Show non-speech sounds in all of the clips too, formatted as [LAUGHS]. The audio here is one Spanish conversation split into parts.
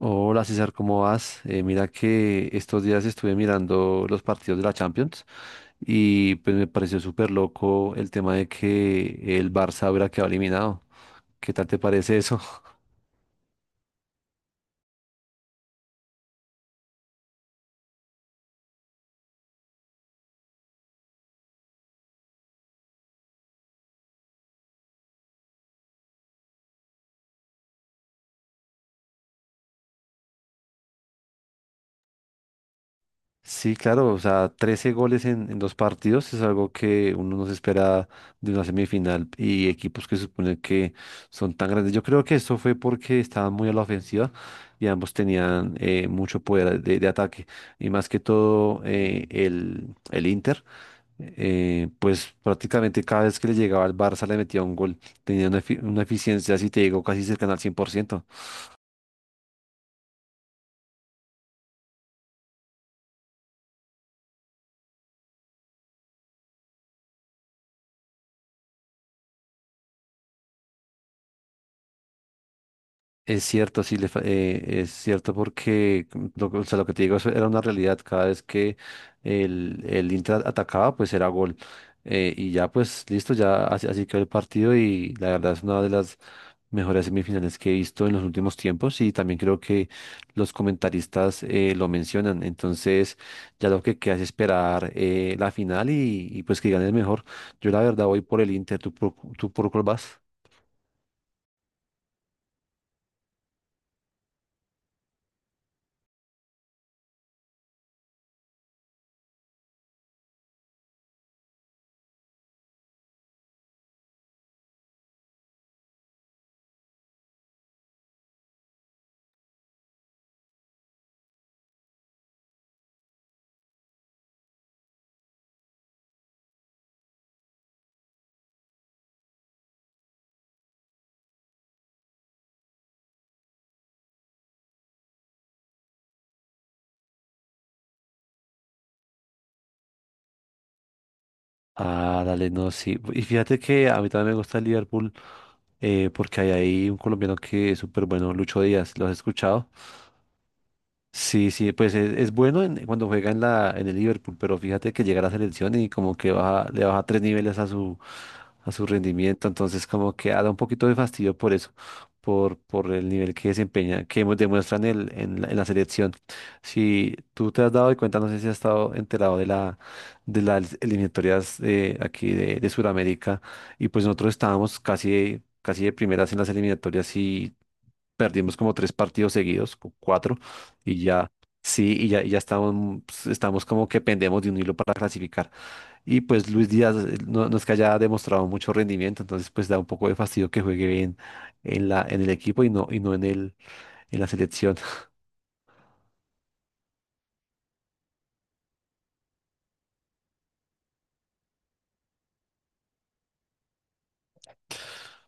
Hola César, ¿cómo vas? Mira que estos días estuve mirando los partidos de la Champions y pues me pareció súper loco el tema de que el Barça hubiera quedado eliminado. ¿Qué tal te parece eso? [LAUGHS] Sí, claro, o sea, 13 goles en dos partidos es algo que uno no se espera de una semifinal y equipos que se supone que son tan grandes. Yo creo que esto fue porque estaban muy a la ofensiva y ambos tenían mucho poder de ataque y más que todo el Inter. Pues prácticamente cada vez que le llegaba al Barça le metía un gol. Tenía una, una eficiencia, si te digo, casi cercana al cien por ciento. Es cierto, sí, es cierto porque o sea, lo que te digo, eso era una realidad. Cada vez que el Inter atacaba, pues era gol. Y ya, pues listo, ya así, así quedó el partido y la verdad es una de las mejores semifinales que he visto en los últimos tiempos y también creo que los comentaristas lo mencionan. Entonces, ya lo que queda es esperar la final y pues que gane el mejor. Yo la verdad voy por el Inter. ¿Tú tú por cuál vas? Ah, dale, no, sí. Y fíjate que a mí también me gusta el Liverpool porque hay ahí un colombiano que es súper bueno, Lucho Díaz. ¿Lo has escuchado? Sí, sí, pues es, cuando juega en en el Liverpool, pero fíjate que llega a la selección y como que baja, le baja tres niveles a su rendimiento, entonces como que da un poquito de fastidio por eso, por el nivel que desempeña, que demuestran en la selección. Si tú te has dado cuenta, no sé si has estado enterado de las eliminatorias aquí de Sudamérica, y pues nosotros estábamos casi casi de primeras en las eliminatorias, perdimos como tres partidos seguidos, cuatro, y ya, sí, y ya estamos, pues, estamos como que pendemos de un hilo para clasificar. Y pues Luis Díaz no, no es que haya demostrado mucho rendimiento, entonces pues da un poco de fastidio que juegue bien en en el equipo y no en la selección. [LAUGHS]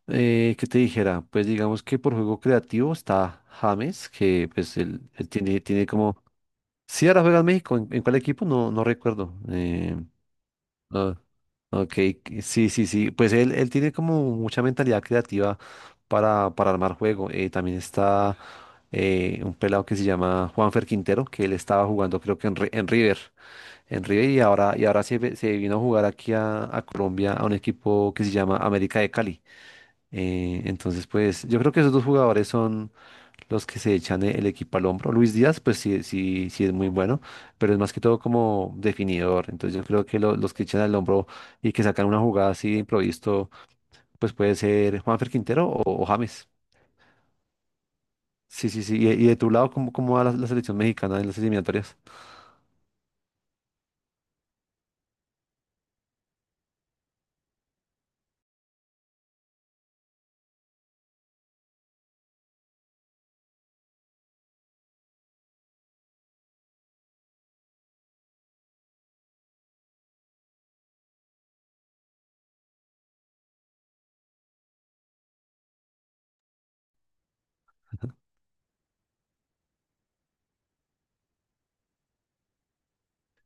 ¿Qué te dijera? Pues digamos que por juego creativo está James, que pues él tiene, tiene como... Sí, ahora juega en México. En cuál equipo? No, no recuerdo. Ah, ok, sí, sí, sí. Pues él tiene como mucha mentalidad creativa para armar juego. También está un pelado que se llama Juanfer Quintero, que él estaba jugando creo que en River, en River, y ahora se vino a jugar aquí a Colombia, a un equipo que se llama América de Cali. Entonces, pues yo creo que esos dos jugadores son los que se echan el equipo al hombro. Luis Díaz, pues sí, sí, sí es muy bueno, pero es más que todo como definidor. Entonces yo creo que los que echan al hombro y que sacan una jugada así de improviso, pues puede ser Juanfer Quintero o James. Sí, sí, sí. Y de tu lado, ¿cómo, cómo va la selección mexicana en las eliminatorias?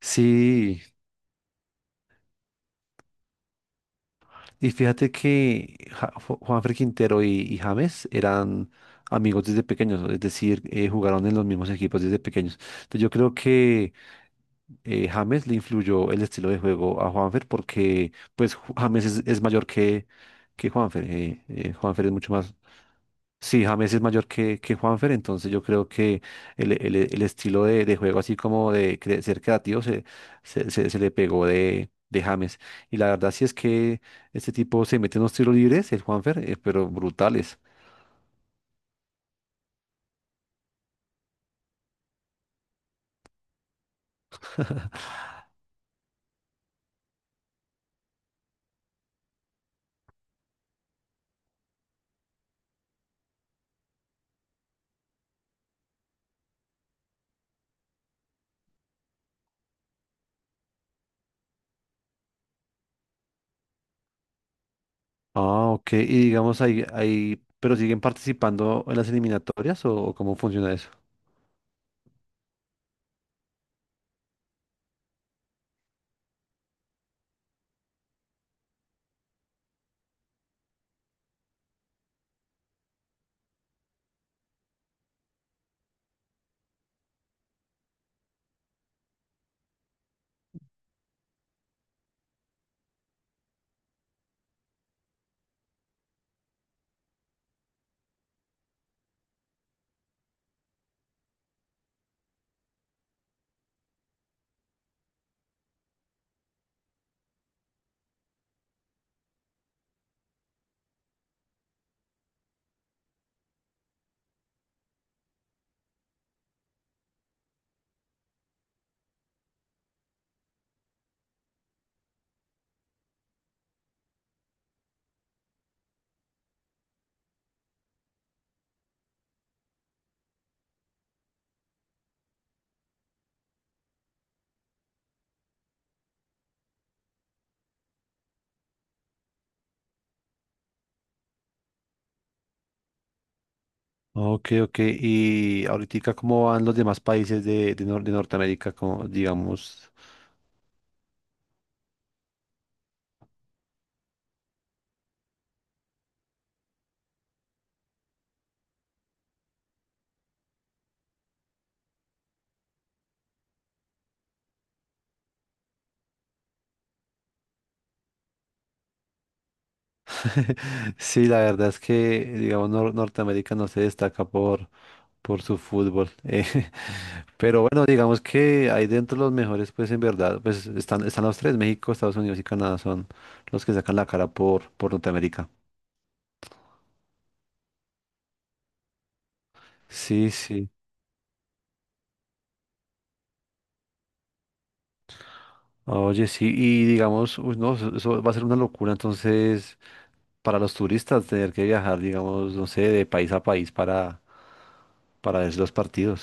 Sí, y fíjate que Juanfer Quintero y James eran amigos desde pequeños, es decir, jugaron en los mismos equipos desde pequeños. Entonces yo creo que James le influyó el estilo de juego a Juanfer porque pues James es mayor que Juanfer. Juanfer es mucho más... Sí, James es mayor que Juanfer, entonces yo creo que el estilo de juego así como de ser creativo se le pegó de James. Y la verdad sí es que este tipo se mete unos tiros libres, el Juanfer, pero brutales. Ah, ok. Y digamos ahí, ahí, pero ¿siguen participando en las eliminatorias o cómo funciona eso? Ok, ok. ¿Y ahorita cómo van los demás países de, Nor- de Norteamérica? Como, digamos. [LAUGHS] Sí, la verdad es que, digamos, Norteamérica no se destaca por su fútbol. [LAUGHS] Pero bueno, digamos que ahí dentro los mejores, pues en verdad, pues están, están los tres, México, Estados Unidos y Canadá son los que sacan la cara por Norteamérica. Sí, sí. Oye, sí, y digamos, uy, no, eso va a ser una locura, entonces, para los turistas tener que viajar, digamos, no sé, de país a país para ver los partidos.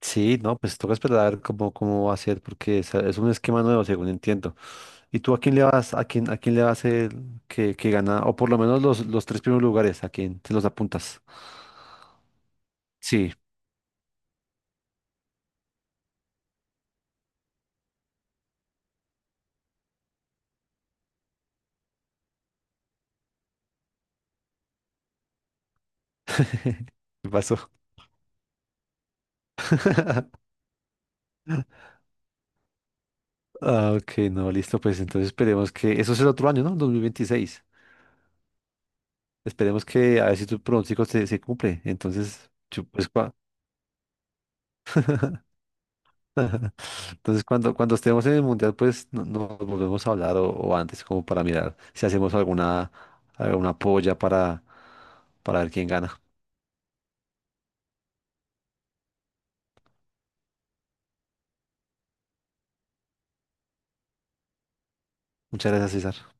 Sí, no, pues toca esperar a ver cómo, cómo va a ser, porque es un esquema nuevo, según entiendo. ¿Y tú a quién le vas, a quién le vas el que gana, o por lo menos los tres primeros lugares, a quién te los apuntas? Sí, [LAUGHS] ¿qué pasó? [LAUGHS] Ah, ok, no, listo, pues entonces esperemos que, eso es el otro año, ¿no? 2026. Esperemos que a ver si tu pronóstico se cumple. Entonces, [LAUGHS] entonces, cuando, cuando estemos en el mundial, pues nos volvemos a hablar o antes, como para mirar si hacemos alguna, alguna polla para ver quién gana. Muchas gracias, César.